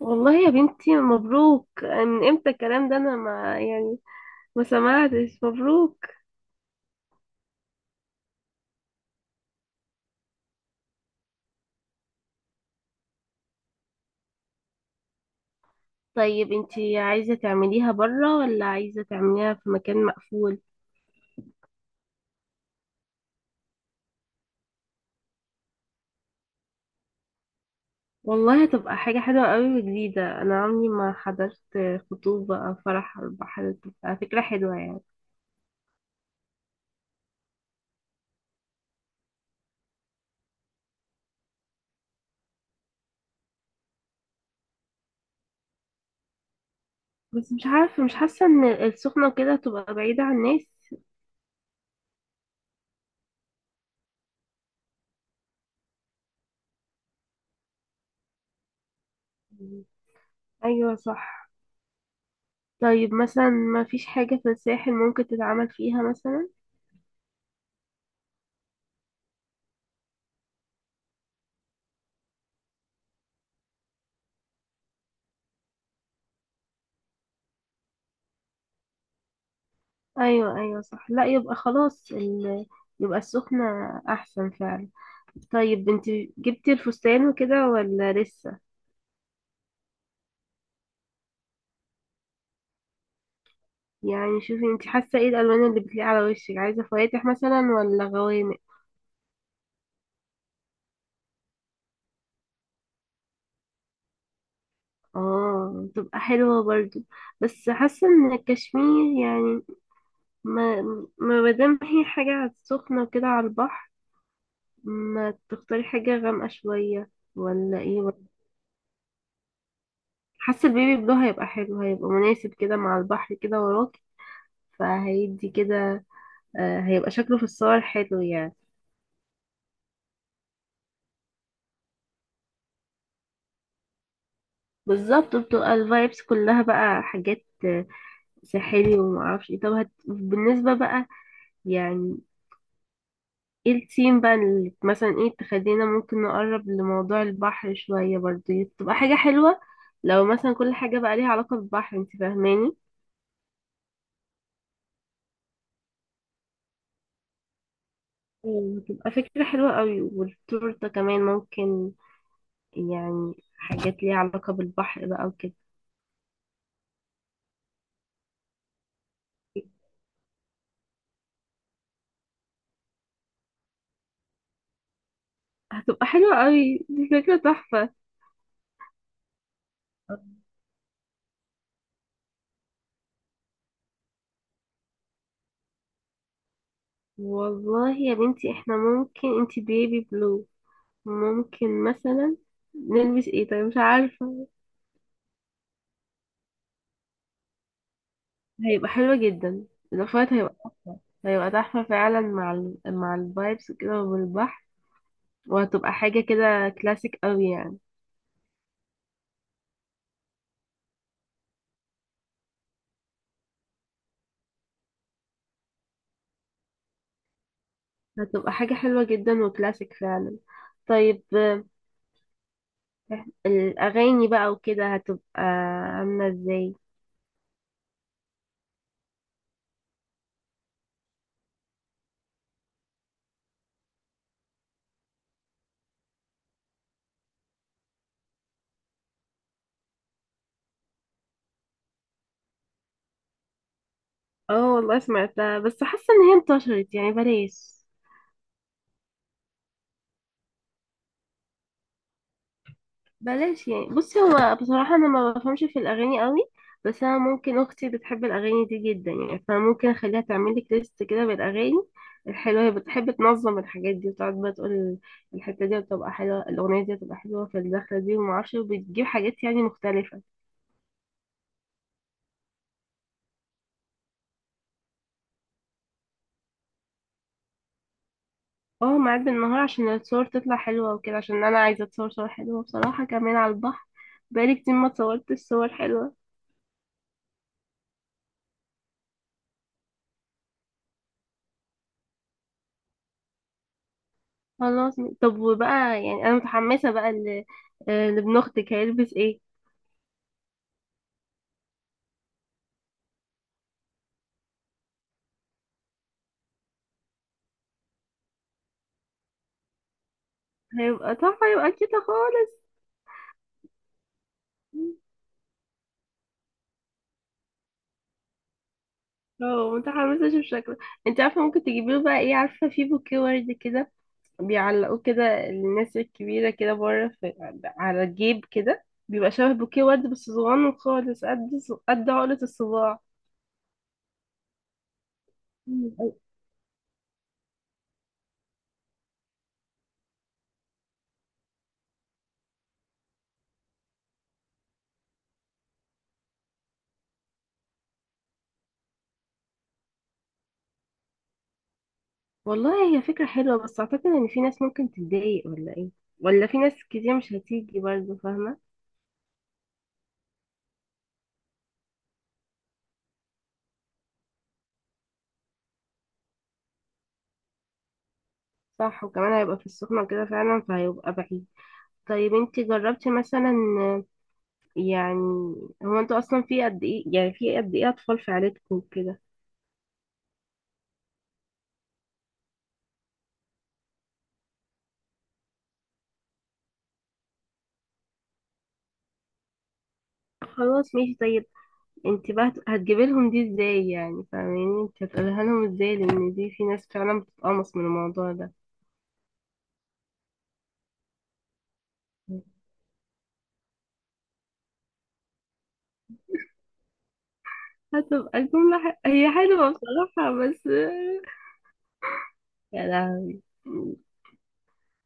والله يا بنتي، مبروك. من امتى الكلام ده؟ انا ما يعني ما سمعتش مبروك. طيب انتي عايزة تعمليها بره ولا عايزة تعمليها في مكان مقفول؟ والله هتبقى حاجة حلوة قوي وجديدة، انا عمري ما حضرت خطوبة او فرح على البحر. بتبقى فكرة حلوة يعني. بس مش عارفة، مش حاسة ان السخنة وكده تبقى بعيدة عن الناس. ايوه صح. طيب مثلا ما فيش حاجة في الساحل ممكن تتعمل فيها مثلا؟ ايوه ايوه صح. لا يبقى خلاص يبقى السخنة احسن فعلا. طيب انت جبتي الفستان وكده ولا لسه؟ يعني شوفي، انت حاسة ايه الالوان اللي بتليق على وشك؟ عايزة فواتح مثلا ولا غوامق؟ اه تبقى حلوة برضو، بس حاسة ان الكشمير يعني ما ما مادام هي حاجة سخنة وكده على البحر، ما تختاري حاجة غامقة شوية، ولا ايه؟ حاسة البيبي بلو هيبقى حلو، هيبقى مناسب كده مع البحر كده وراك، فهيدي كده. هيبقى شكله في الصور حلو يعني. بالظبط، بتبقى الفايبس كلها بقى حاجات ساحلي ومعرفش ايه. طب بالنسبة بقى يعني ايه الثيم بقى اللي مثلا ايه تخلينا ممكن نقرب لموضوع البحر شوية برضه تبقى حاجة حلوة. لو مثلا كل حاجة بقى ليها علاقة بالبحر، انت فاهماني؟ تبقى فكرة حلوة قوي، والتورتة كمان ممكن يعني حاجات ليها علاقة بالبحر بقى وكده. هتبقى حلوة قوي، دي فكرة تحفة. والله يا بنتي، احنا ممكن انتي بيبي بلو، ممكن مثلا نلبس ايه؟ طيب مش عارفة. هيبقى حلوة جدا، الاوفرت هيبقى تحفة، هيبقى تحفة فعلا مع مع الفايبس كده والبحر، وهتبقى حاجة كده كلاسيك قوي يعني. هتبقى حاجة حلوة جدا وكلاسيك فعلا. طيب، الأغاني بقى وكده هتبقى عاملة ازاي؟ اه والله سمعتها، بس حاسة ان هي انتشرت يعني، بلاش. بلاش يعني. بصي، هو بصراحة أنا ما بفهمش في الأغاني قوي، بس أنا ممكن أختي بتحب الأغاني دي جدا يعني، فممكن أخليها تعمل لك ليست كده بالأغاني الحلوة. هي بتحب تنظم الحاجات دي، وتقعد بقى تقول الحتة دي بتبقى حلوة، الأغنية دي بتبقى حلوة في الدخلة دي، ومعرفش بتجيب حاجات يعني مختلفة. اه معاد بالنهار عشان الصور تطلع حلوة وكده، عشان أنا عايزة أتصور صور حلوة بصراحة كمان على البحر. بقالي كتير ما اتصورتش صور حلوة. خلاص. طب وبقى يعني أنا متحمسة بقى لابن أختك هيلبس ايه؟ هيبقى تحفة، هيبقى كده خالص. اه متحمسة اشوف شكله. انت عارفة ممكن تجيبيله بقى ايه؟ عارفة في بوكيه ورد كده بيعلقوه كده الناس الكبيرة كده بره في على الجيب كده، بيبقى شبه بوكيه ورد بس صغنن خالص قد عقلة الصباع. مم. والله هي فكرة حلوة، بس أعتقد إن في ناس ممكن تتضايق ولا إيه؟ ولا في ناس كتير مش هتيجي برضه، فاهمة؟ صح، وكمان هيبقى في السخنة كده فعلا فهيبقى بعيد. طيب انتي جربتي مثلا يعني، هو انتوا اصلا في قد ايه يعني، في قد ايه اطفال في عيلتكم كده؟ خلاص ماشي. طيب انت بقى هتجيبي لهم دي ازاي؟ يعني فاهماني، انت هتقولها لهم ازاي؟ لان دي في ناس فعلا بتتقمص من الموضوع ده. هتبقى الجملة هي حلوة بصراحة، بس يا لهوي.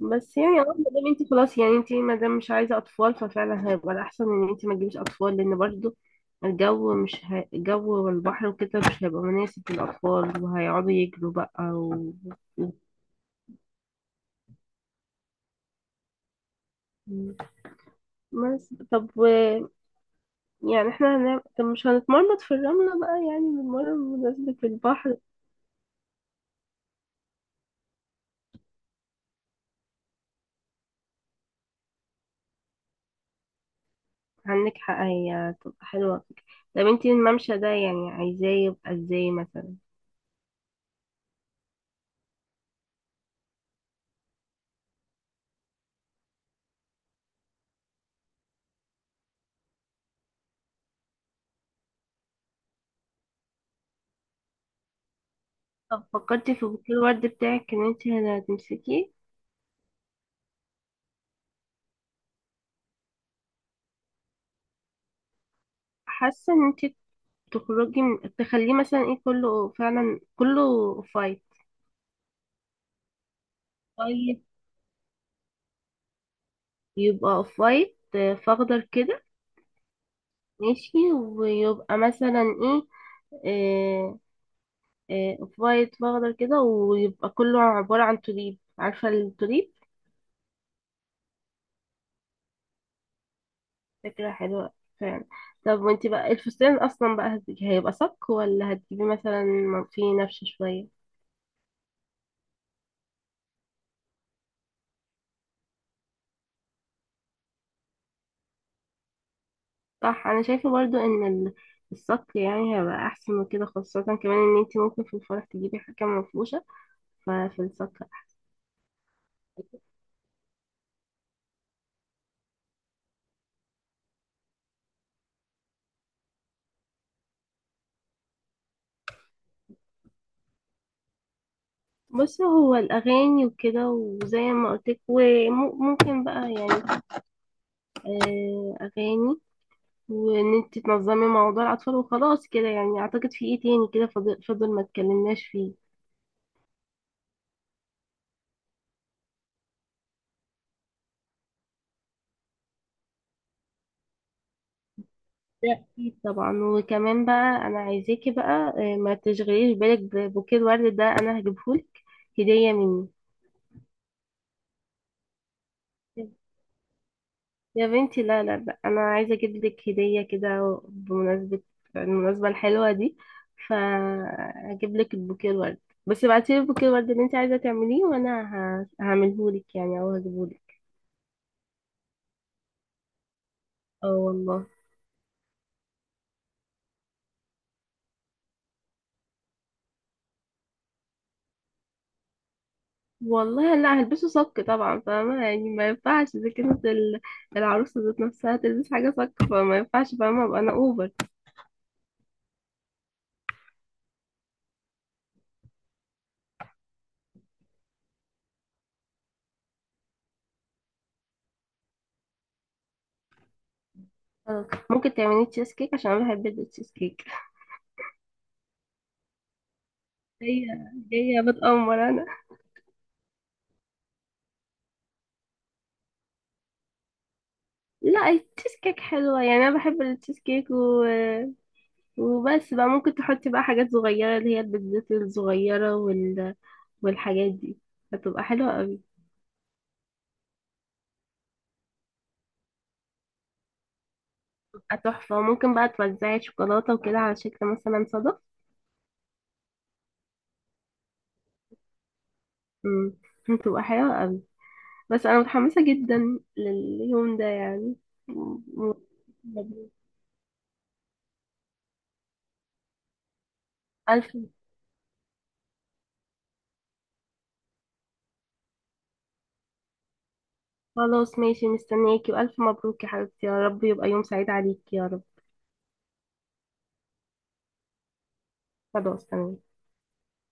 بس يعني اه، ما دام انت خلاص يعني، انت ما دام مش عايزه اطفال، ففعلا هيبقى الاحسن ان انت ما تجيبيش اطفال، لان برضو الجو مش هي... الجو والبحر وكده مش هيبقى مناسب للاطفال، وهيقعدوا يجروا بقى و- بس طب يعني احنا طب مش هنتمرمط في الرمله بقى، يعني بنتمرمط بمناسبة البحر. عندك حق، هي تبقى حلوه فكرة. طب انت الممشى ده يعني عايزاه يبقى ازاي مثلا؟ طب فكرتي في بouquet الورد بتاعك ان انت هتمسكيه؟ حاسه ان انت تخرجي تخليه مثلا ايه كله، فعلا كله اوف وايت. طيب، يبقى اوف وايت فاخضر كده. ماشي، ويبقى مثلا ايه؟ آه، اوف وايت فاخضر كده ويبقى كله عبارة عن توليب، عارفة التوليب؟ فكرة حلوة فعلا. طب وانتي بقى الفستان اصلا بقى هيبقى صك ولا هتجيبي مثلا فيه نفش شوية؟ صح، انا شايفة برضو ان الصك يعني هيبقى احسن وكده، خاصة كمان ان انتي ممكن في الفرح تجيبي حاجة منفوشة في السكر. بص، هو الأغاني وكده وزي ما قلتلك، وممكن بقى يعني أغاني، وإن انت تنظمي موضوع الأطفال، وخلاص كده يعني. أعتقد في ايه تاني كده فضل ما اتكلمناش فيه. ده أكيد طبعا، وكمان بقى أنا عايزاكي بقى ما تشغليش بالك ببوكيه الورد ده، أنا هجيبهولك هدية مني. يا بنتي لا لا لا، انا عايزه اجيب لك هديه كده بمناسبه المناسبه الحلوه دي، فاجيب لك البوكيه الورد. بس ابعتي لي البوكيه الورد اللي انت عايزه تعمليه وانا هعمله لك يعني او هجيبه لك. اه والله. والله لا هلبسه صك طبعا، فاهمه يعني ما ينفعش اذا كانت العروسه ذات نفسها تلبس حاجه صك فما ينفعش، فاهمه ابقى انا اوفر. خلاص، ممكن تعملي تشيز كيك عشان انا بحب التشيز كيك. هي جايه بتأمر انا. لا التشيز كيك حلوة يعني، أنا بحب التشيز كيك وبس بقى. ممكن تحطي بقى حاجات صغيرة، اللي هي البيتزات الصغيرة والحاجات دي هتبقى حلوة قوي. هتبقى تحفة، وممكن بقى توزعي شوكولاتة وكده على شكل مثلا صدف. مم. هتبقى حلوة قوي. بس أنا متحمسة جدا لليوم ده يعني و- مبروك. ألف. خلاص ماشي مستنياكي، وألف مبروك يا حبيبتي، يا رب يبقى يوم سعيد عليكي يا رب. خلاص تمام.